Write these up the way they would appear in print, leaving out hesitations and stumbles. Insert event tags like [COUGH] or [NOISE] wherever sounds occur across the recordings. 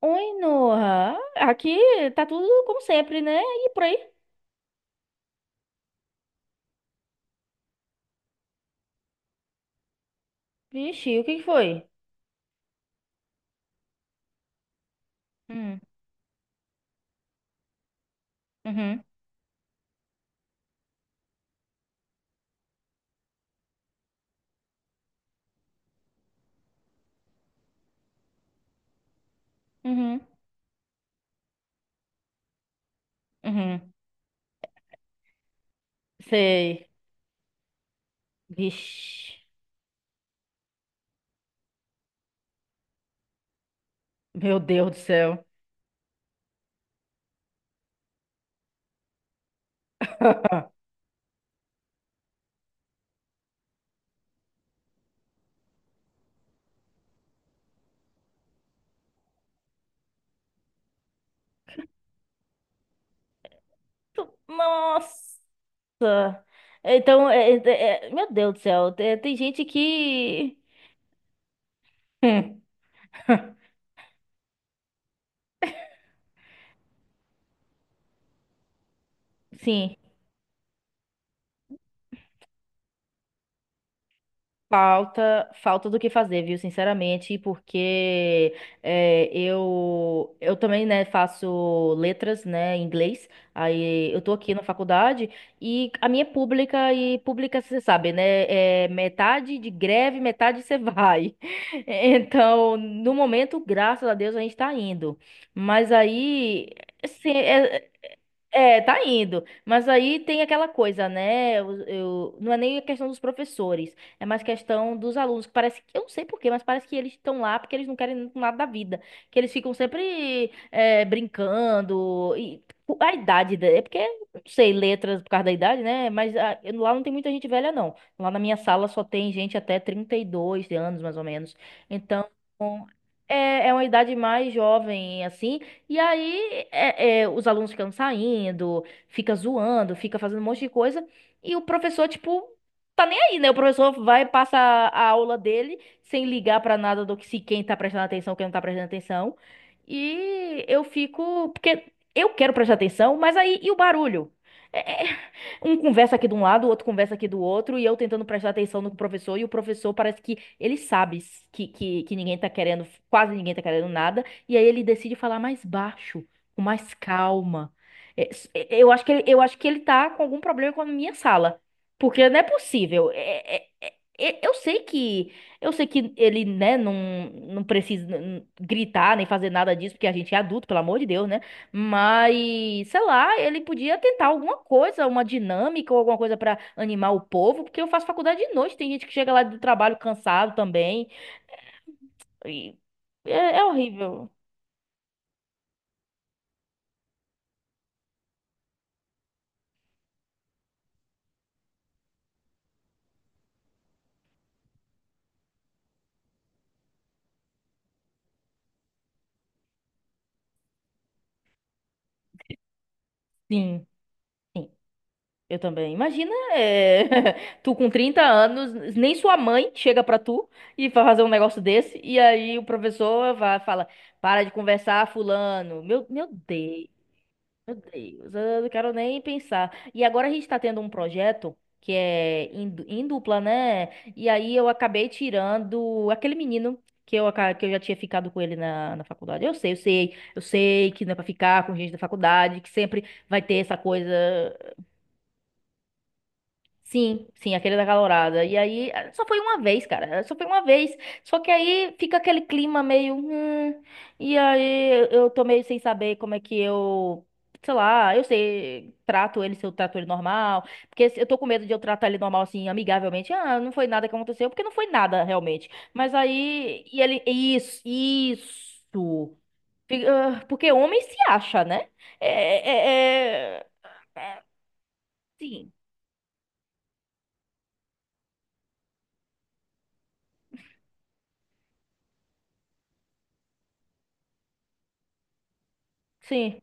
Oi, Noah. Aqui tá tudo como sempre, né? E por aí? Vixe, o que que foi? Hum, uhum, uhum, uhum. Sei. Vixe, meu Deus do céu. [LAUGHS] Nossa. Então, meu Deus do céu, tem gente que. Hum. [LAUGHS] Sim. Falta, falta do que fazer, viu? Sinceramente, porque eu também, né, faço letras, né, em inglês. Aí eu tô aqui na faculdade e a minha é pública, e pública você sabe, né, é metade de greve, metade você vai. [LAUGHS] Então, no momento, graças a Deus, a gente tá indo. Mas aí, assim, é, tá indo. Mas aí tem aquela coisa, né? Não é nem a questão dos professores, é mais questão dos alunos, que parece que, eu não sei por quê, mas parece que eles estão lá porque eles não querem nada da vida. Que eles ficam sempre brincando. E a idade, é porque, não sei, letras por causa da idade, né? Mas ah, lá não tem muita gente velha, não. Lá na minha sala só tem gente até 32 anos, mais ou menos. Então. É, é uma idade mais jovem, assim, e aí é, os alunos ficam saindo, fica zoando, fica fazendo um monte de coisa, e o professor, tipo, tá nem aí, né? O professor vai, passa a aula dele sem ligar pra nada do que se quem tá prestando atenção, quem não tá prestando atenção. E eu fico, porque eu quero prestar atenção, mas aí e o barulho? É um conversa aqui de um lado, o outro conversa aqui do outro, e eu tentando prestar atenção no professor, e o professor parece que ele sabe que, que ninguém tá querendo, quase ninguém tá querendo nada, e aí ele decide falar mais baixo, com mais calma. É, eu acho que ele, eu acho que ele tá com algum problema com a minha sala, porque não é possível. Eu sei que eu sei que ele, né, não, não precisa gritar nem fazer nada disso, porque a gente é adulto, pelo amor de Deus, né? Mas, sei lá, ele podia tentar alguma coisa, uma dinâmica ou alguma coisa pra animar o povo, porque eu faço faculdade de noite, tem gente que chega lá do trabalho cansado também. E é, é horrível. Sim, sim, eu também. Imagina, é, [LAUGHS] tu com 30 anos, nem sua mãe chega pra tu e vai fazer um negócio desse, e aí o professor vai, fala: para de conversar, fulano. Meu Deus. Meu Deus, eu não quero nem pensar. E agora a gente está tendo um projeto que é em, em dupla, né? E aí eu acabei tirando aquele menino que eu, que eu já tinha ficado com ele na, na faculdade. Eu sei, eu sei, eu sei que não é pra ficar com gente da faculdade, que sempre vai ter essa coisa. Sim, sim, aquele da calorada. E aí, só foi uma vez, cara. Só foi uma vez. Só que aí fica aquele clima meio. Hum, e aí eu tô meio sem saber como é que eu. Sei lá, eu sei, trato ele, se eu trato ele normal. Porque eu tô com medo de eu tratar ele normal, assim, amigavelmente. Ah, não foi nada que aconteceu, porque não foi nada realmente. Mas aí. E ele. Isso, isso. Porque homem se acha, né? É. É, é... É. Sim, sim.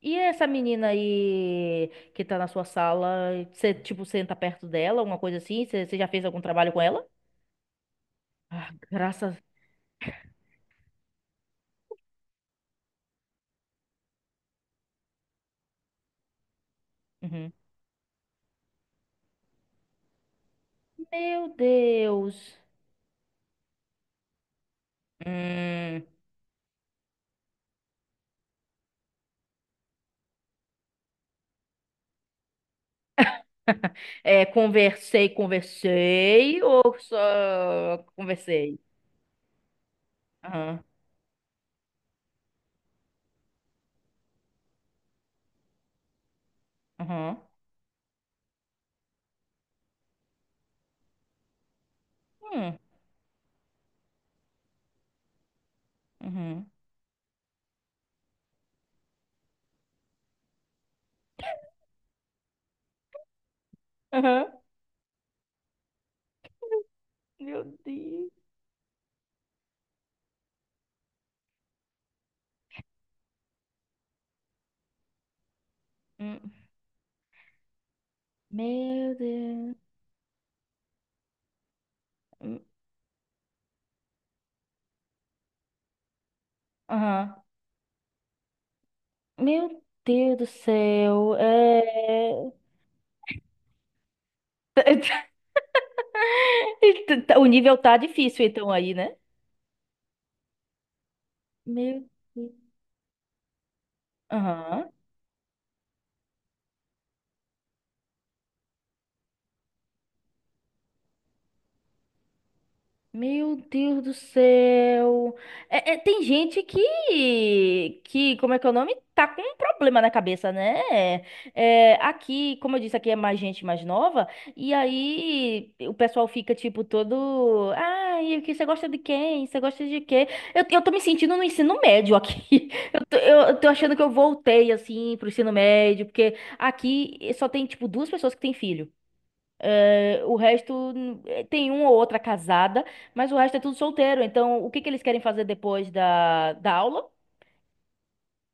E essa menina aí que tá na sua sala, você, tipo, senta perto dela, alguma coisa assim? Você já fez algum trabalho com ela? Ah, graças. Uhum. Meu Deus. Hum. [LAUGHS] É, conversei, conversei ou só conversei? Aham, aham. Hum. Uhum. Aham. Meu Deus. Hum. Meu Deus. Hum. Aham. Meu Deus do céu. É... [LAUGHS] [LAUGHS] O nível tá difícil, então, aí, né? Meu Deus. Aham. Meu Deus do céu. É, é, tem gente que, como é que é o nome? Tá com um problema na cabeça, né? É, aqui, como eu disse, aqui é mais gente mais nova. E aí o pessoal fica, tipo, todo. Ai, o que você gosta de quem? Você gosta de quê? Eu tô me sentindo no ensino médio aqui. [LAUGHS] Eu tô, eu tô achando que eu voltei, assim, pro ensino médio, porque aqui só tem, tipo, duas pessoas que têm filho. Eh, o resto tem uma ou outra casada, mas o resto é tudo solteiro. Então, o que que eles querem fazer depois da, da aula?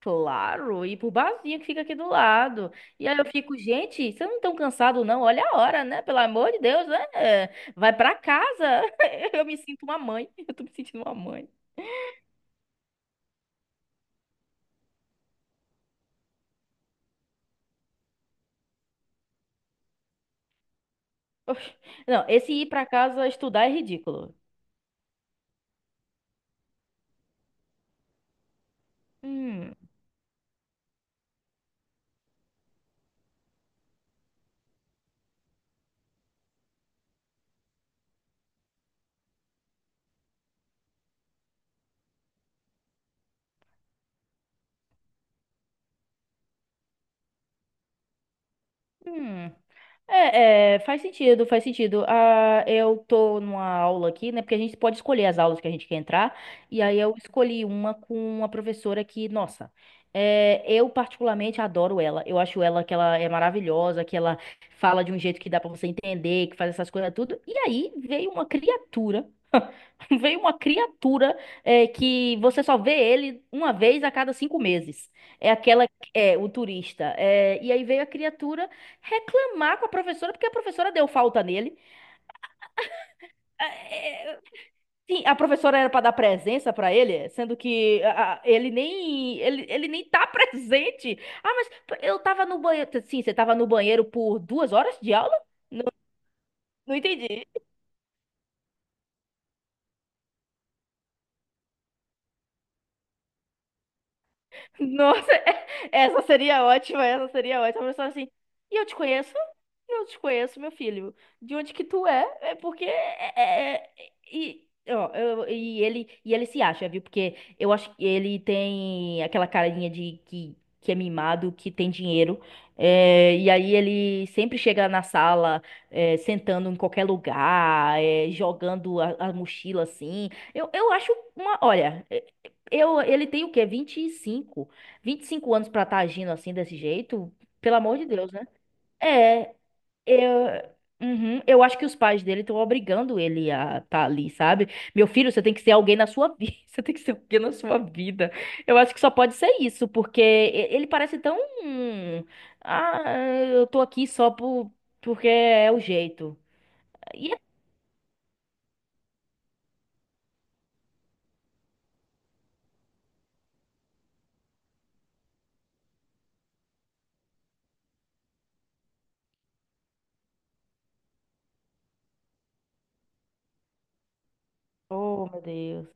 Claro, ir pro barzinho que fica aqui do lado. E aí eu fico, gente, vocês não estão cansados, não? Olha a hora, né? Pelo amor de Deus, né? Eh, vai pra casa. [LAUGHS] Eu me sinto uma mãe. [LAUGHS] Eu tô me sentindo uma mãe. Oxe. Não, esse ir pra casa estudar é ridículo. Hum, hum. É, é, faz sentido, faz sentido. Ah, eu tô numa aula aqui, né? Porque a gente pode escolher as aulas que a gente quer entrar. E aí eu escolhi uma com uma professora que, nossa, é, eu particularmente adoro ela. Eu acho ela que ela é maravilhosa, que ela fala de um jeito que dá pra você entender, que faz essas coisas tudo. E aí veio uma criatura. [LAUGHS] Veio uma criatura é, que você só vê ele uma vez a cada 5 meses. É aquela, é, o turista. É, e aí veio a criatura reclamar com a professora, porque a professora deu falta nele. É, é, sim, a professora era para dar presença para ele, sendo que ele nem, ele nem tá [LAUGHS] presente. Ah, mas eu tava no banheiro. Sim, você tava no banheiro por 2 horas de aula? Não, não entendi. Nossa, [LAUGHS] essa seria ótima, essa seria ótima. A pessoa assim, e eu te conheço? E eu te conheço, meu filho. De onde que tu é? É porque é, e ó, e ele se acha, viu? Porque eu acho que ele tem aquela carinha de que é mimado, que tem dinheiro. É, e aí ele sempre chega na sala, é, sentando em qualquer lugar, é, jogando a mochila assim. Eu acho uma, olha, eu, ele tem o quê? 25 anos pra estar agindo assim desse jeito, pelo amor de Deus, né? É, eu, uhum, eu acho que os pais dele estão obrigando ele a estar ali, sabe? Meu filho, você tem que ser alguém na sua vida, [LAUGHS] você tem que ser alguém na sua vida. Eu acho que só pode ser isso, porque ele parece tão, hum, ah, eu tô aqui só por, porque é o jeito. E é- Oh, meu Deus.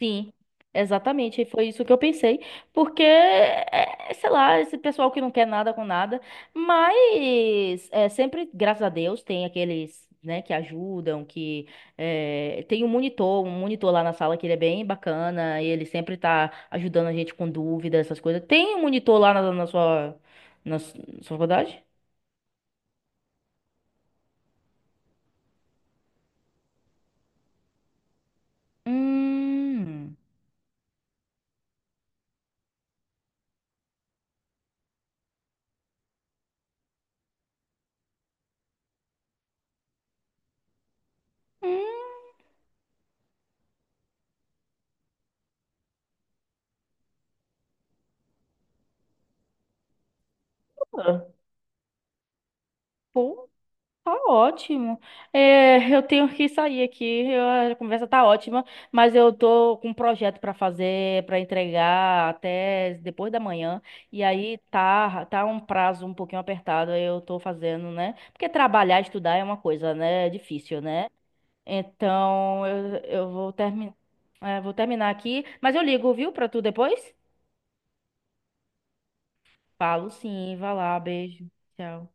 Sim, exatamente. E foi isso que eu pensei. Porque, é, sei lá, esse pessoal que não quer nada com nada. Mas é, sempre, graças a Deus, tem aqueles, né, que ajudam, que é, tem um monitor lá na sala que ele é bem bacana, e ele sempre tá ajudando a gente com dúvidas, essas coisas. Tem um monitor lá na, na sua, na su- sua faculdade? Hum. Hum. Pô. Tá ótimo. É, eu tenho que sair aqui. A conversa tá ótima, mas eu tô com um projeto pra fazer, pra entregar até depois da manhã. E aí tá, tá um prazo um pouquinho apertado. Aí Eu tô fazendo, né? Porque trabalhar, estudar é uma coisa, né? É difícil, né? Então eu vou terminar aqui. Mas eu ligo, viu, pra tu depois? Falo sim. Vai lá, beijo. Tchau.